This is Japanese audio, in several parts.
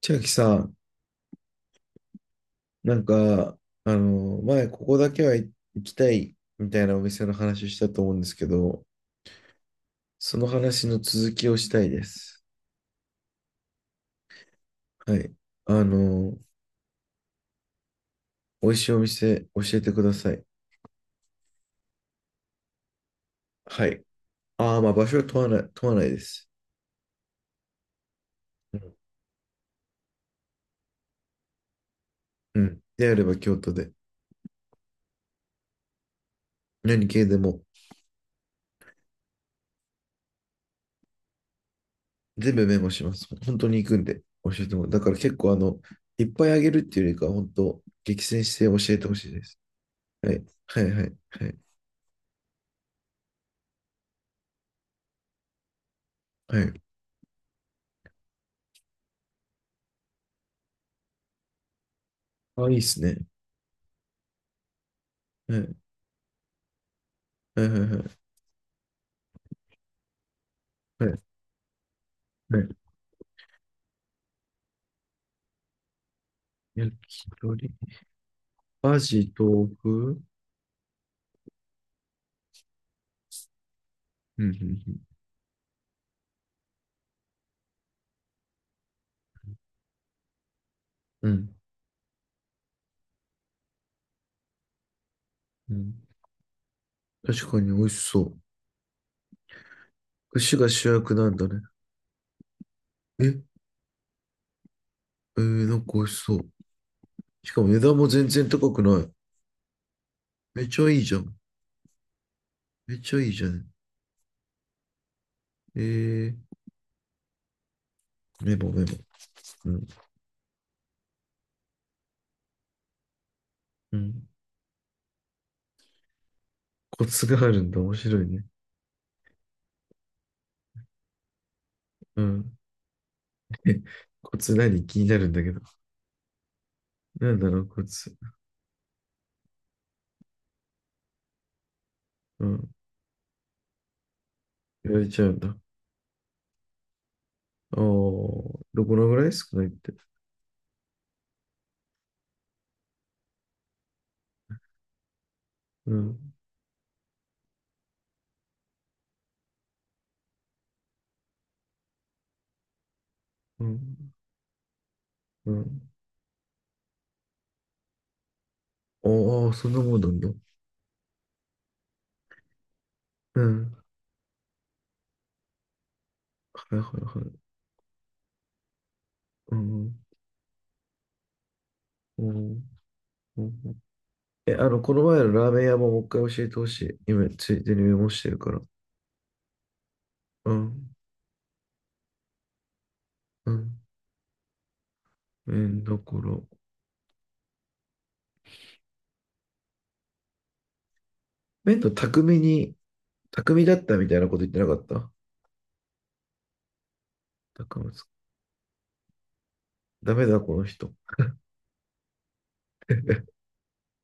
千秋さん、なんか、前、ここだけは行きたいみたいなお店の話したと思うんですけど、その話の続きをしたいです。はい。あの、美味しいお店教えてください。はい。ああ、まあ場所は問わないです。うん。うんであれば京都で、何系でも、全部メモします。本当に行くんで、教えてもらう。だから結構、いっぱいあげるっていうよりかは、本当、激戦して教えてほしいです。はい。はい、はい、はい。はい。あ、いいっすね。はい、はい、はい、はい、はい。焼き鳥、バジ、豆腐。うん、うん、うん。うんうん。確かに美味しそう。串が主役なんだね。え、なんか美味しそう。しかも値段も全然高くない。めっちゃいいじゃん。めっちゃいいじゃん。えー、メモメモ。うん、うん。コツがあるんだ。面白いね。うん。え、コツ何気になるんだけど。なんだろう、コツ。うん。言われちゃうんだ。ああ、どこのぐらい少ないって。うん。うん。うん。おー、そんなもんなんだ。うん。はいはいはい。うん。うん。うん。え、この前のラーメン屋ももう一回教えてほしい。今、ついでにメモしてるから。うん。うん。だから、麺の匠に、匠だったみたいなこと言ってなかった？匠です。ダメだ、この人。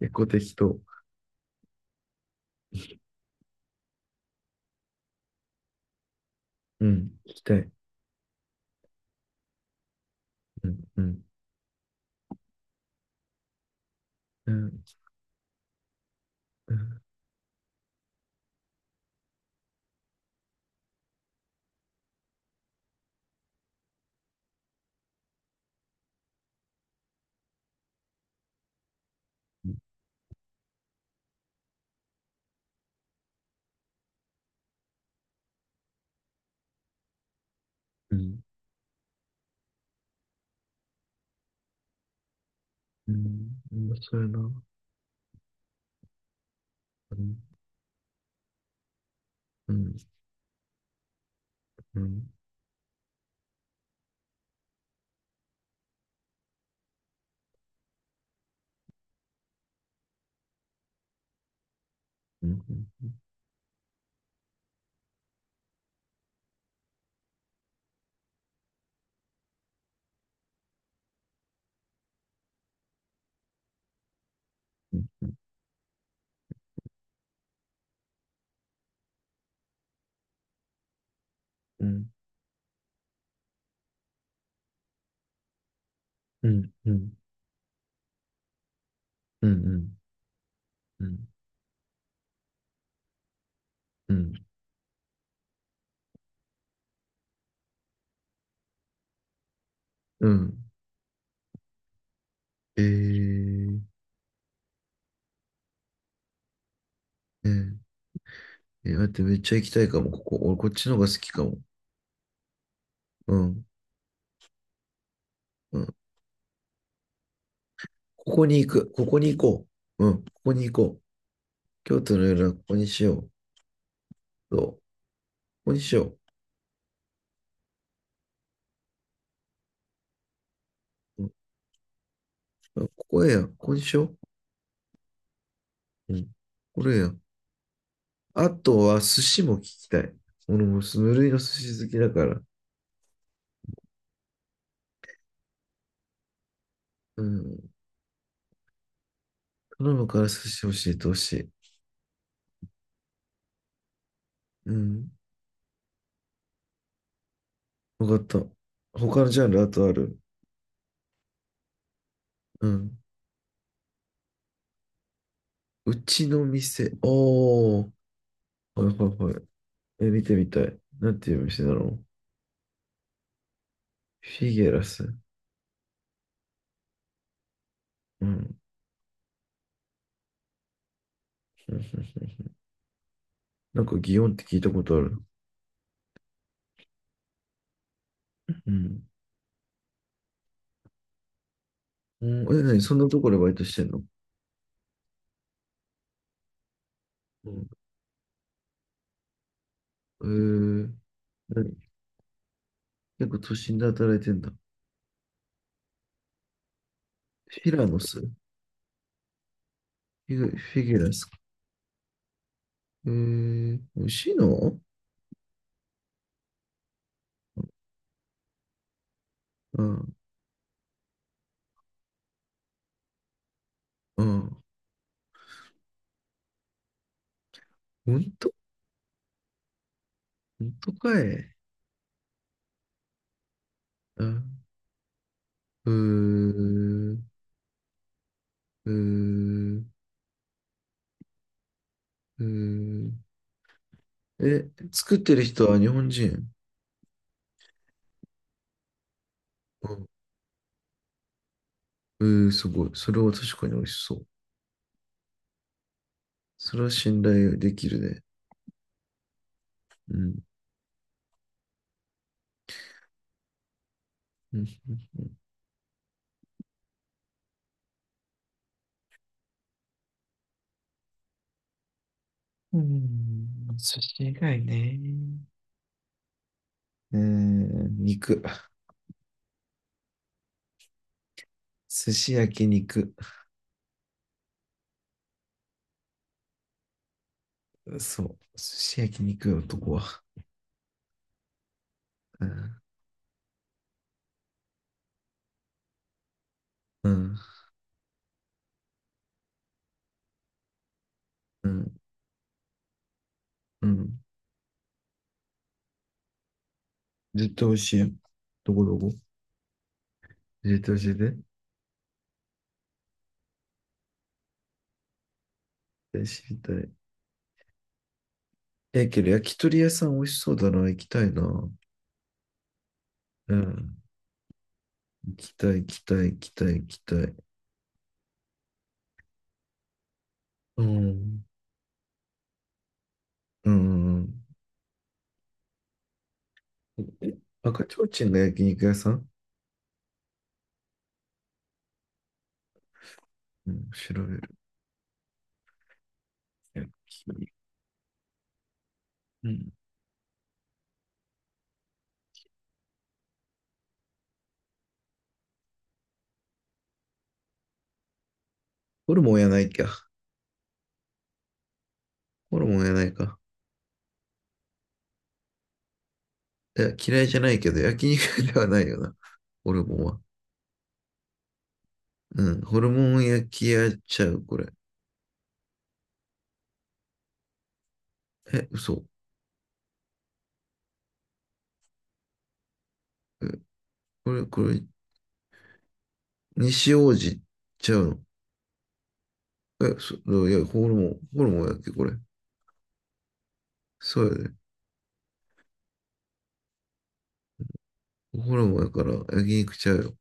結構適当。うん。聞きたい。うん。うん。うん。うん。うん。うん。面白いな。うん。うん。うん。うん。うん。うん。うん。うん。うん。うん。うん。うん。えー、ねえー、えー待って、めっちゃ行きたいかも、ここ。俺、こっちの方が好きかも。うん。うん。ここに行く。ここに行こう。うん。ここに行こう。京都の夜はここにしよう。そう。ここにしよう。うん。あ、ここや。ここにしよう。うん。これや。あとは、寿司も聞きたい。俺も無類の寿司好きだから。うん。頼むから寿司教えてほしい。うん。わかった。他のジャンルあとある？うん。うちの店。おー。はいはいはい。え、見てみたい。なんていう店なの？フィゲラス。うん。うん、うん、うん。なんか祇園って聞いたことある。うん。うん。え、何そんなところでバイトしてんの？うん。えー、何結構都心で働いてんだ。フィラノスフィグ、フィギュラスか。美味しいの？うん、うん。ほんと。ほんとかい。うん。うーん、うーん、うーん。え、作ってる人は日本人。うん。えー、すごい。それは確かに美味しそう。それは信頼できるね。うん。うん、うん、うん。寿司以外ね。うん。肉。寿司焼肉。そう。寿司焼肉よ、男は。うん。うん。うん。絶対美味しいよ。どこどこ、絶対教えて。絶対知りたい。え、けど焼き鳥屋さん美味しそうだな。行きたいな。うん。行きたい、行きたい、行きたい、行きたい。うん。うん。赤ちょうちんが焼肉屋さん？うん、調べる。焼肉。うん。ホルモンやないか。ホルモンやないか。いや、嫌いじゃないけど、焼肉ではないよな。ホルモンは。うん。ホルモン焼きやっちゃう、これ。え、嘘。え、これ、これ、西王子ちゃうの？え、いや、ホルモンやっけ、これ。そうやで、ホルモンやから、焼肉ちゃうよ。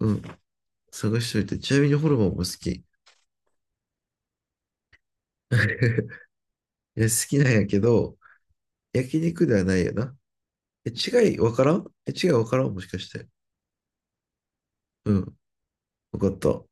うん。探しといて。ちなみにホルモンも好き。いや、好きなんやけど、焼肉ではないよな。え、違いわからん。え、違いわからん、もしかして？うん。わかった。